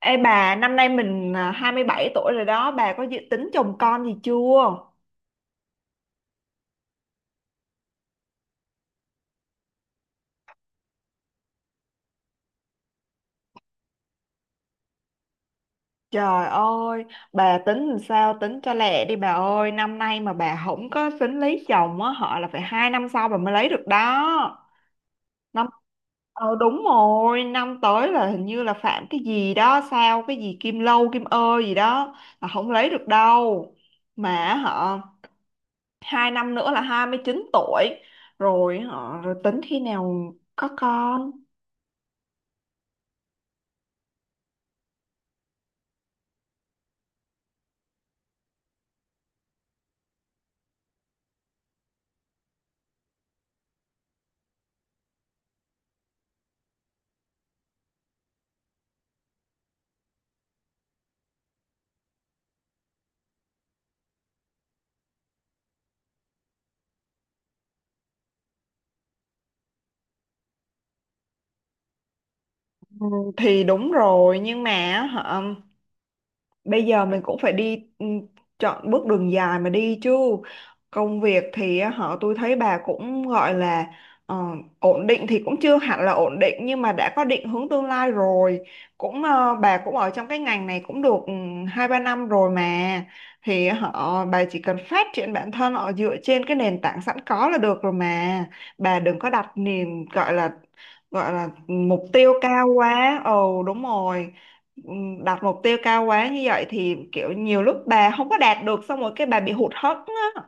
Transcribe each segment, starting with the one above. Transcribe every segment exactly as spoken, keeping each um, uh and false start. Ê bà, năm nay mình à, hai mươi bảy tuổi rồi đó, bà có dự tính chồng con gì chưa? Trời ơi, bà tính làm sao tính cho lẹ đi bà ơi, năm nay mà bà không có tính lấy chồng á, họ là phải hai năm sau bà mới lấy được đó. Năm Ờ đúng rồi, năm tới là hình như là phạm cái gì đó, sao cái gì Kim Lâu, Kim Ơ gì đó là không lấy được đâu. Mà họ hai năm nữa là hai mươi chín tuổi rồi họ rồi tính khi nào có con. Thì đúng rồi nhưng mà hả, bây giờ mình cũng phải đi, ừ, chọn bước đường dài mà đi chứ. Công việc thì họ tôi thấy bà cũng gọi là ờ, ổn định thì cũng chưa hẳn là ổn định nhưng mà đã có định hướng tương lai rồi, cũng ờ, bà cũng ở trong cái ngành này cũng được ừ, hai ba năm rồi mà, thì họ bà chỉ cần phát triển bản thân, họ dựa trên cái nền tảng sẵn có là được rồi mà, bà đừng có đặt niềm gọi là gọi là mục tiêu cao quá. Ồ, đúng rồi. Ừm, đặt mục tiêu cao quá như vậy thì kiểu nhiều lúc bà không có đạt được, xong rồi cái bà bị hụt hẫng á.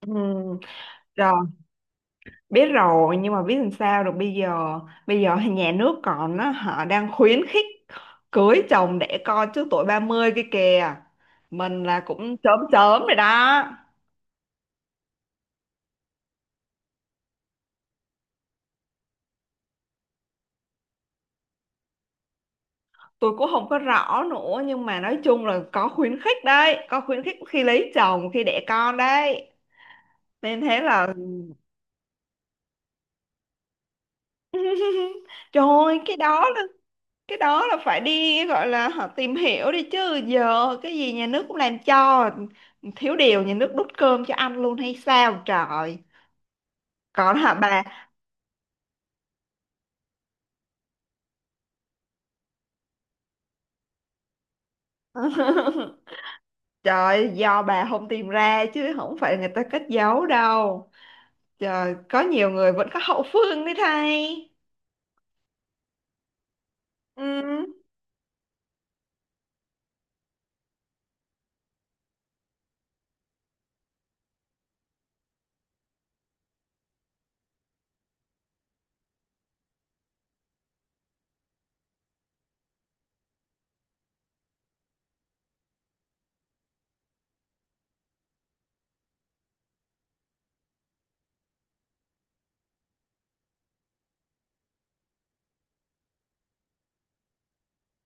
Ừ, rồi biết rồi nhưng mà biết làm sao được bây giờ, bây giờ thì nhà nước còn á, họ đang khuyến khích cưới chồng đẻ con trước tuổi ba mươi kia kìa, mình là cũng chớm chớm rồi đó. Tôi cũng không có rõ nữa nhưng mà nói chung là có khuyến khích đấy, có khuyến khích khi lấy chồng khi đẻ con đấy, nên thế là. Trời ơi, cái đó là cái đó là phải đi gọi là họ tìm hiểu đi chứ, giờ cái gì nhà nước cũng làm cho, thiếu điều nhà nước đút cơm cho ăn luôn hay sao trời, còn hả bà. Trời, do bà không tìm ra chứ không phải người ta cất giấu đâu, trời, có nhiều người vẫn có hậu phương đấy thay. Ừ.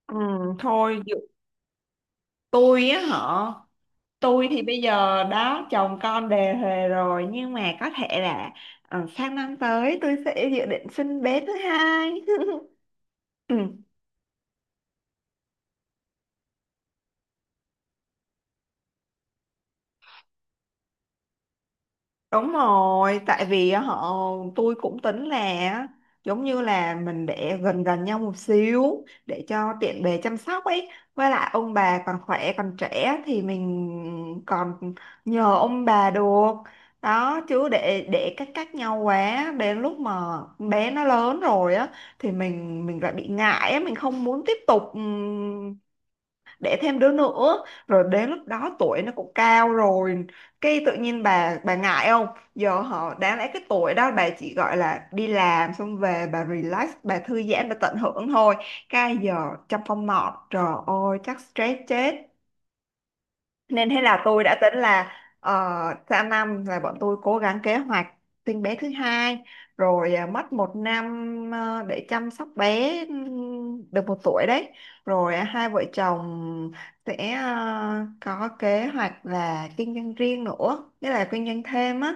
Ừ, thôi. Dự- tôi á hả, tôi thì bây giờ đã chồng con đề huề rồi nhưng mà có thể là ờ, sang năm tới tôi sẽ dự định sinh bé thứ hai. Ừ. Đúng rồi, tại vì á, họ tôi cũng tính là á, giống như là mình để gần gần nhau một xíu để cho tiện bề chăm sóc ấy. Với lại ông bà còn khỏe còn trẻ thì mình còn nhờ ông bà được. Đó chứ để để cách cách nhau quá, đến lúc mà bé nó lớn rồi á thì mình mình lại bị ngại á, mình không muốn tiếp tục đẻ thêm đứa nữa, rồi đến lúc đó tuổi nó cũng cao rồi, cái tự nhiên bà bà ngại không, giờ họ đáng lẽ cái tuổi đó bà chỉ gọi là đi làm xong về bà relax, bà thư giãn, bà tận hưởng thôi, cái giờ trong phong mọt trời ơi chắc stress chết. Nên thế là tôi đã tính là uh, sang năm là bọn tôi cố gắng kế hoạch sinh bé thứ hai, rồi à, mất một năm ờ, để chăm sóc bé ừm, được một tuổi đấy, rồi à, hai vợ chồng sẽ ờ, có kế hoạch là kinh doanh riêng nữa, nghĩa là kinh doanh thêm á,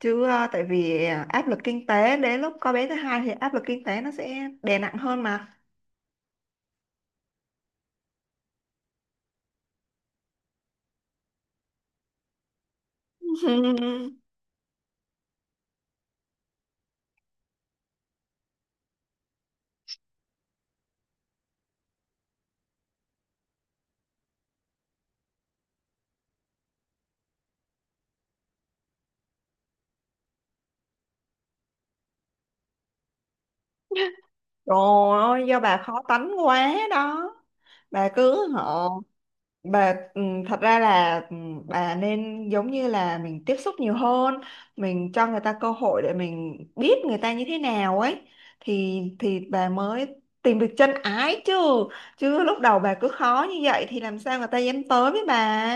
chứ ờ, tại vì ờ, áp lực kinh tế đến lúc có bé thứ hai thì áp lực kinh tế nó sẽ đè nặng hơn mà. Trời ơi, do bà khó tánh quá đó. Bà cứ hả bà ừ, thật ra là, ừ, bà nên giống như là mình tiếp xúc nhiều hơn, mình cho người ta cơ hội để mình biết người ta như thế nào ấy, thì thì bà mới tìm được chân ái chứ, chứ lúc đầu bà cứ khó như vậy thì làm sao người ta dám tới với bà.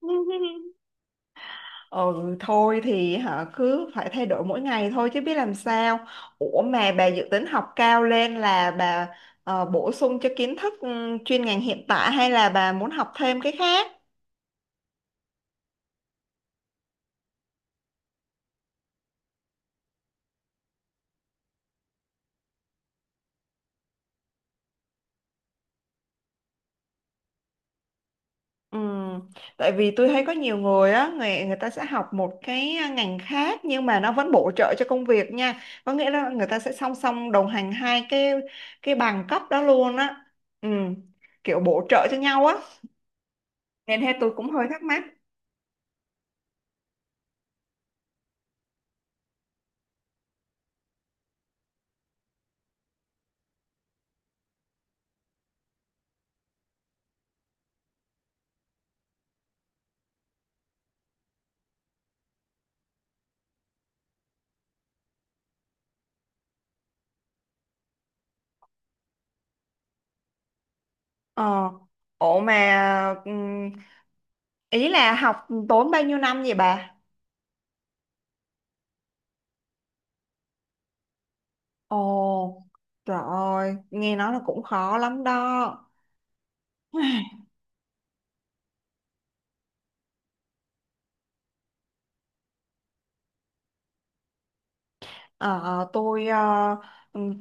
Ừ, thôi thì hả cứ phải thay đổi mỗi ngày thôi chứ biết làm sao. Ủa mà bà dự tính học cao lên là bà ờ, bổ sung cho kiến thức, ừ, chuyên ngành hiện tại hay là bà muốn học thêm cái khác. Ừ. Tại vì tôi thấy có nhiều người á, người người ta sẽ học một cái ngành khác nhưng mà nó vẫn bổ trợ cho công việc nha, có nghĩa là người ta sẽ song song đồng hành hai cái cái bằng cấp đó luôn á. Ừ. Kiểu bổ trợ cho nhau á, nên thế tôi cũng hơi thắc mắc. Ờ ủa mà ừm, Ý là học tốn bao nhiêu năm vậy bà. Ồ, trời ơi, nghe nói là cũng khó lắm đó. Ờ, ờ, tôi ờ,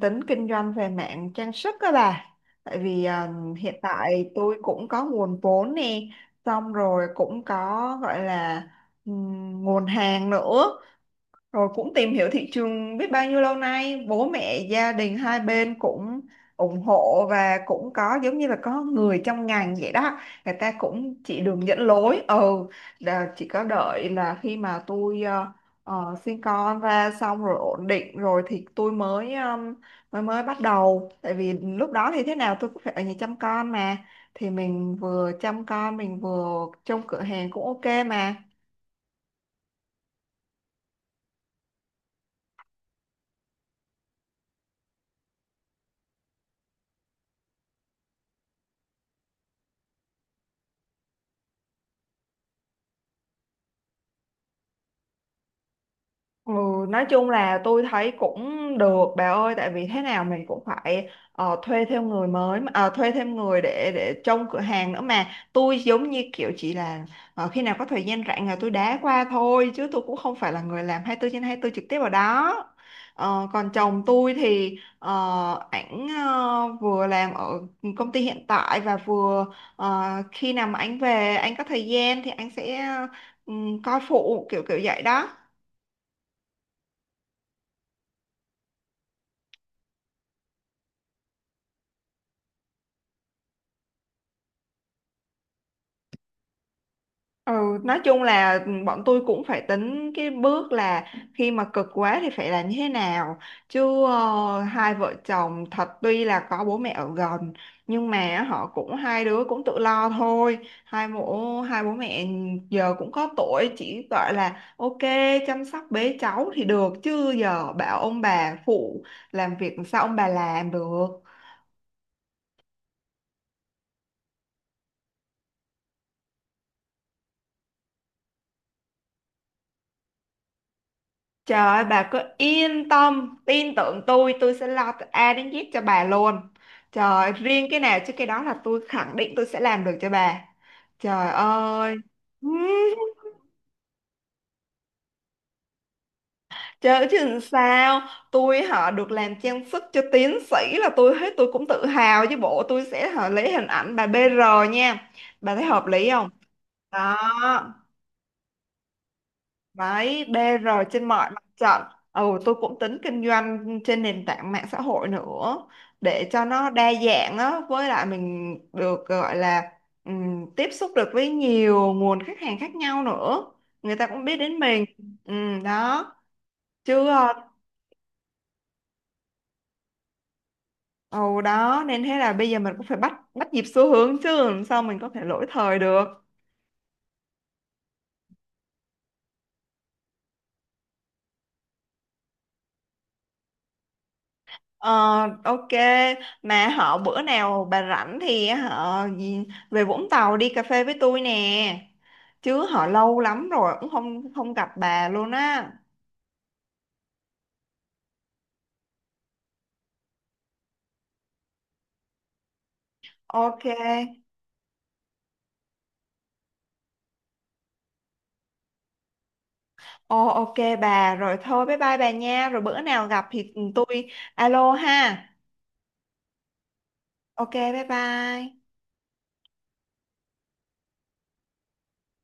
tính kinh doanh về mạng trang sức các bà, tại vì ờ, hiện tại tôi cũng có nguồn vốn nè, xong rồi cũng có gọi là ừm, nguồn hàng nữa, rồi cũng tìm hiểu thị trường biết bao nhiêu lâu nay, bố mẹ, gia đình hai bên cũng ủng hộ và cũng có giống như là có người trong ngành vậy đó. Người ta cũng chỉ đường dẫn lối. Ừ, là chỉ có đợi là khi mà tôi ờ, ờ, sinh con ra xong rồi ổn định rồi thì tôi mới ừm, mới mới bắt đầu. Tại vì lúc đó thì thế nào tôi cũng phải ở nhà chăm con mà. Thì mình vừa chăm con, mình vừa trông cửa hàng cũng ok mà. Ừ, nói chung là tôi thấy cũng được bà ơi, tại vì thế nào mình cũng phải ờ, thuê thêm người mới mà- ờ, thuê thêm người để để trông cửa hàng nữa mà, tôi giống như kiểu chỉ là ờ, khi nào có thời gian rảnh là tôi đá qua thôi, chứ tôi cũng không phải là người làm hai tư trên hai tư trực tiếp ở đó. Ờ, còn chồng tôi thì ờ, ảnh ờ, vừa làm ở công ty hiện tại và vừa ờ, khi nào mà anh về anh có thời gian thì anh sẽ ừ, coi phụ kiểu kiểu vậy đó. Ừ, nói chung là ừ, bọn tôi cũng phải tính cái bước là khi mà cực quá thì phải là như thế nào, chứ ờ, hai vợ chồng thật tuy là có bố mẹ ở gần nhưng mà họ cũng, hai đứa cũng tự lo thôi, hai bố hai bố mẹ giờ cũng có tuổi chỉ gọi là ok chăm sóc bế cháu thì được, chứ giờ bảo ông bà phụ làm việc sao ông bà làm được. Trời ơi bà cứ yên tâm, tin tưởng tôi tôi sẽ lo từ A đến Z cho bà luôn. Trời ơi, riêng cái nào chứ cái đó là tôi khẳng định tôi sẽ làm được cho bà. Trời ơi. Trời ơi, chứ làm sao. Tôi họ được làm trang sức cho tiến sĩ là tôi hết, tôi cũng tự hào chứ bộ, tôi sẽ họ lấy hình ảnh bà bê rờ nha. Bà thấy hợp lý không? Đó. Đấy, bê rờ trên mọi mặt trận. Ừ, tôi cũng tính kinh doanh trên nền tảng mạng xã hội nữa để cho nó đa dạng á, với lại mình được gọi là ừm, tiếp xúc được với nhiều nguồn khách hàng khác nhau nữa. Người ta cũng biết đến mình. Ừm, đó. Chứ ờ, ừ, đó nên thế là bây giờ mình cũng phải bắt bắt nhịp xu hướng chứ làm sao mình có thể lỗi thời được. Ờ, ok mà họ bữa nào bà rảnh thì họ gì- về Vũng Tàu đi cà phê với tôi nè, chứ họ lâu lắm rồi cũng không không gặp bà luôn á. Ok. Ồ, ok bà, rồi thôi bye bye bà nha, rồi bữa nào gặp thì tôi alo ha. Ok bye bye.